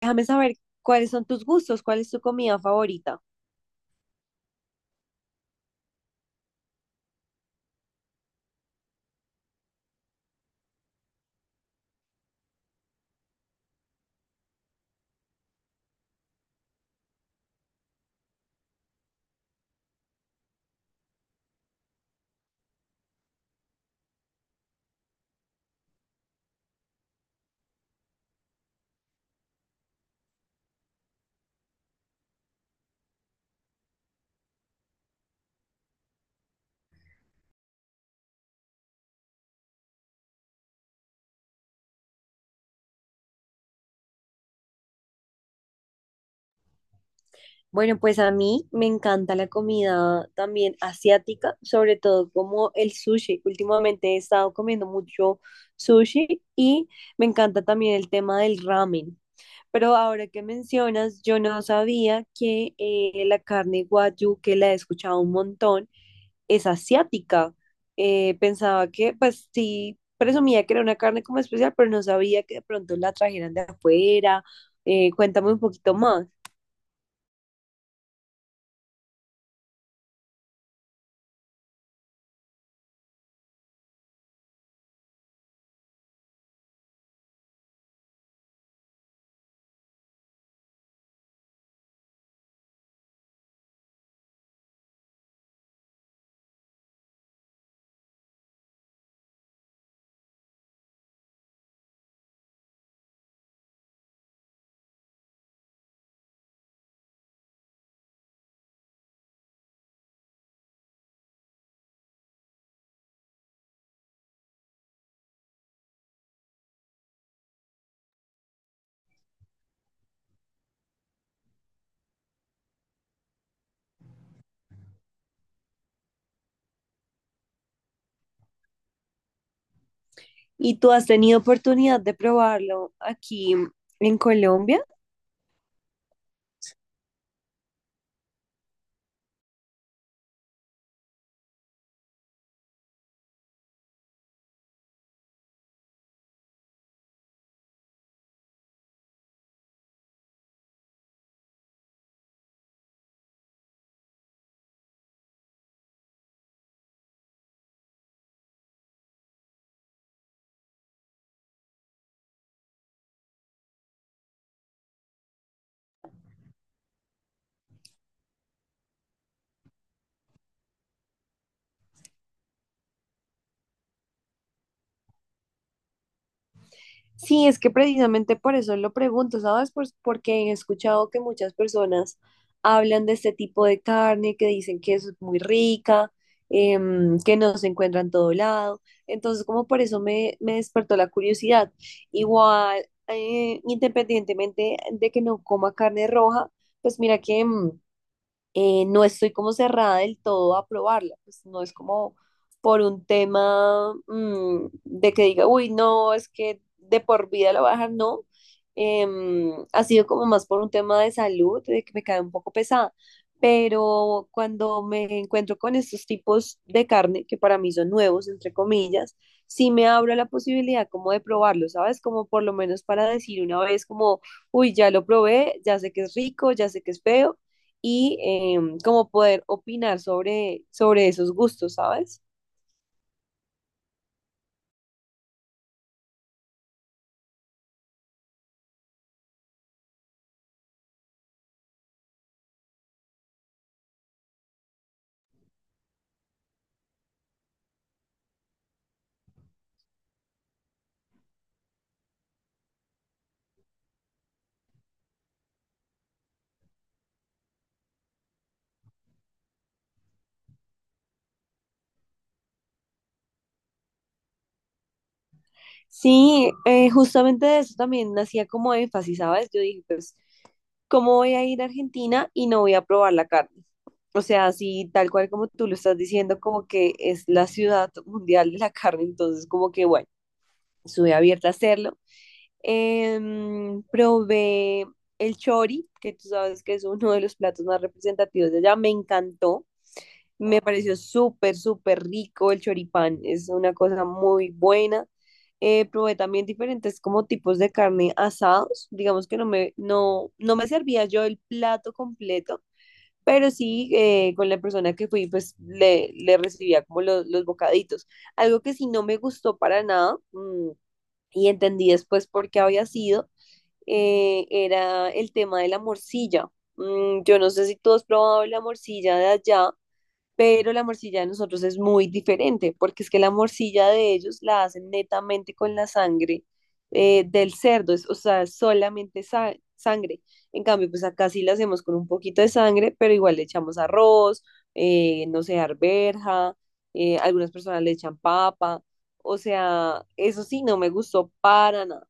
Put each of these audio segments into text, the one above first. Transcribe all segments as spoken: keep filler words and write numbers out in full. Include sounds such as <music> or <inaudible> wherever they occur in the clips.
Déjame saber cuáles son tus gustos, cuál es tu comida favorita. Bueno, pues a mí me encanta la comida también asiática, sobre todo como el sushi. Últimamente he estado comiendo mucho sushi y me encanta también el tema del ramen. Pero ahora que mencionas, yo no sabía que eh, la carne wagyu, que la he escuchado un montón, es asiática. Eh, pensaba que, pues sí, presumía que era una carne como especial, pero no sabía que de pronto la trajeran de afuera. Eh, cuéntame un poquito más. ¿Y tú has tenido oportunidad de probarlo aquí en Colombia? Sí, es que precisamente por eso lo pregunto, ¿sabes? Pues porque he escuchado que muchas personas hablan de este tipo de carne, que dicen que es muy rica, em, que no se encuentra en todo lado. Entonces, como por eso me, me despertó la curiosidad. Igual, eh, independientemente de que no coma carne roja, pues mira que... mm, eh, no estoy como cerrada del todo a probarla, pues no es como por un tema mm, de que diga, uy, no, es que de por vida la voy a dejar, no. Em, ha sido como más por un tema de salud, de que me cae un poco pesada, pero cuando me encuentro con estos tipos de carne, que para mí son nuevos, entre comillas, sí me abro a la posibilidad como de probarlo, ¿sabes? Como por lo menos para decir una vez como, uy, ya lo probé, ya sé que es rico, ya sé que es feo, y em, como poder opinar sobre, sobre esos gustos, ¿sabes? Sí, eh, justamente de eso también hacía como énfasis, ¿sabes? Yo dije, pues, ¿cómo voy a ir a Argentina y no voy a probar la carne? O sea, así tal cual como tú lo estás diciendo, como que es la ciudad mundial de la carne, entonces como que, bueno, estuve abierta a hacerlo. Em, probé el chori, que tú sabes que es uno de los platos más representativos de allá, me encantó. Me pareció súper, súper rico el choripán, es una cosa muy buena. Eh, probé también diferentes como tipos de carne asados, digamos que no me, no, no me servía yo el plato completo, pero sí eh, con la persona que fui pues le, le recibía como los, los bocaditos. Algo que sí no me gustó para nada mm, y entendí después por qué había sido, eh, era el tema de la morcilla. Mm, yo no sé si tú has probado la morcilla de allá pero la morcilla de nosotros es muy diferente, porque es que la morcilla de ellos la hacen netamente con la sangre eh, del cerdo, es- o sea, solamente sa- sangre. En cambio, pues acá sí la hacemos con un poquito de sangre, pero igual le echamos arroz, eh, no sé, arberja, eh, algunas personas le echan papa, o sea, eso sí, no me gustó para nada.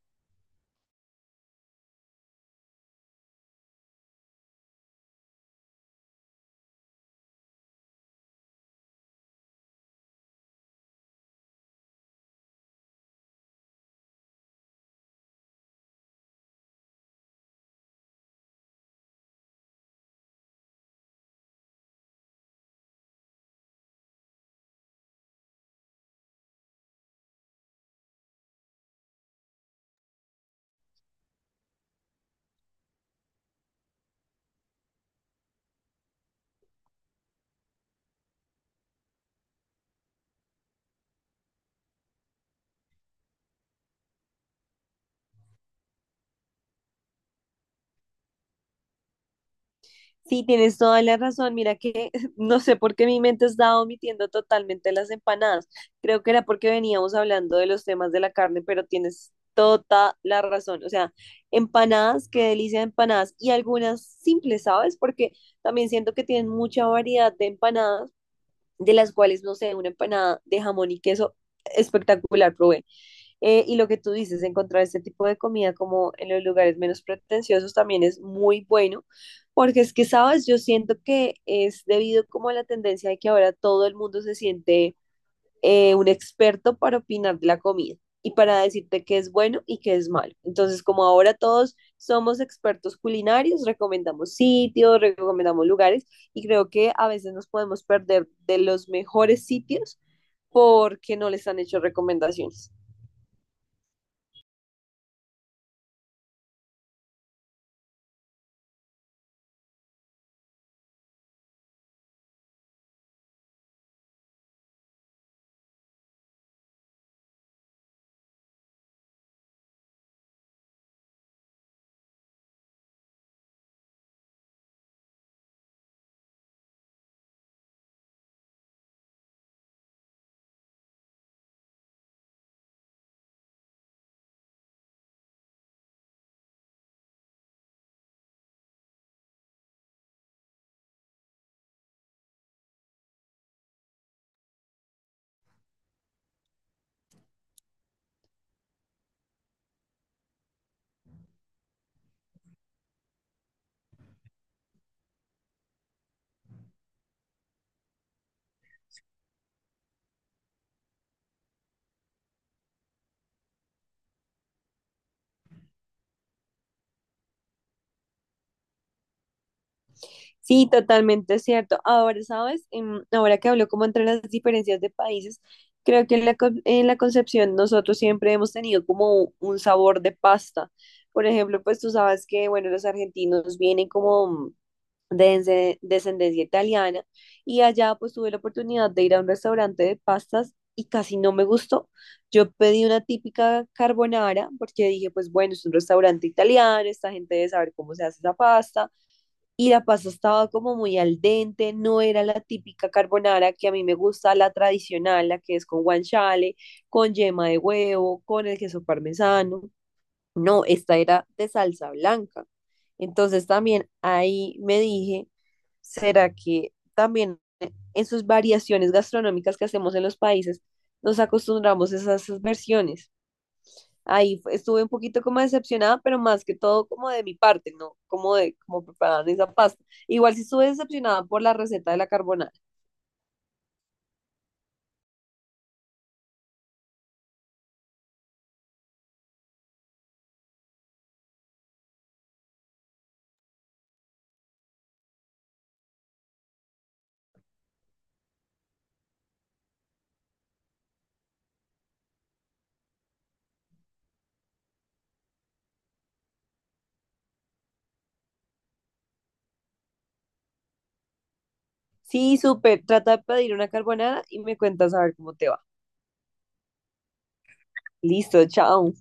Sí, tienes toda la razón. Mira que <laughs> no sé por qué mi mente estaba omitiendo totalmente las empanadas. Creo que era porque veníamos hablando de los temas de la carne, pero tienes toda la razón. O sea, empanadas, qué delicia de empanadas. Y algunas simples, ¿sabes? Porque también siento que tienen mucha variedad de empanadas de las cuales, no sé, una empanada de jamón y queso espectacular probé. Eh, y lo que tú dices, encontrar este tipo de comida como en los lugares menos pretenciosos también es muy bueno, porque es que, sabes, yo siento que es debido como a la tendencia de que ahora todo el mundo se siente eh, un experto para opinar de la comida y para decirte qué es bueno y qué es malo. Entonces, como ahora todos somos expertos culinarios, recomendamos sitios, recomendamos lugares y creo que a veces nos podemos perder de los mejores sitios porque no les han hecho recomendaciones. Sí, totalmente es cierto. Ahora, ¿sabes? Em, ahora que hablo como entre las diferencias de países, creo que en la, con- en la Concepción nosotros siempre hemos tenido como un sabor de pasta. Por ejemplo, pues tú sabes que, bueno, los argentinos vienen como de ence- descendencia italiana y allá pues tuve la oportunidad de ir a un restaurante de pastas y casi no me gustó. Yo pedí una típica carbonara porque dije, pues bueno, es un restaurante italiano, esta gente debe saber cómo se hace esa pasta y la pasta estaba como muy al dente, no era la típica carbonara que a mí me gusta, la tradicional, la que es con guanciale, con yema de huevo, con el queso parmesano. No, esta era de salsa blanca. Entonces también ahí me dije, ¿será que también en sus variaciones gastronómicas que hacemos en los países nos acostumbramos a esas versiones? Ahí fue- estuve un poquito como decepcionada, pero más que todo como de mi parte, ¿no? Como de cómo preparaban esa pasta. Igual sí estuve decepcionada por la receta de la carbonara. Sí, súper. Trata de pedir una carbonara y me cuentas a ver cómo te va. Listo, chao.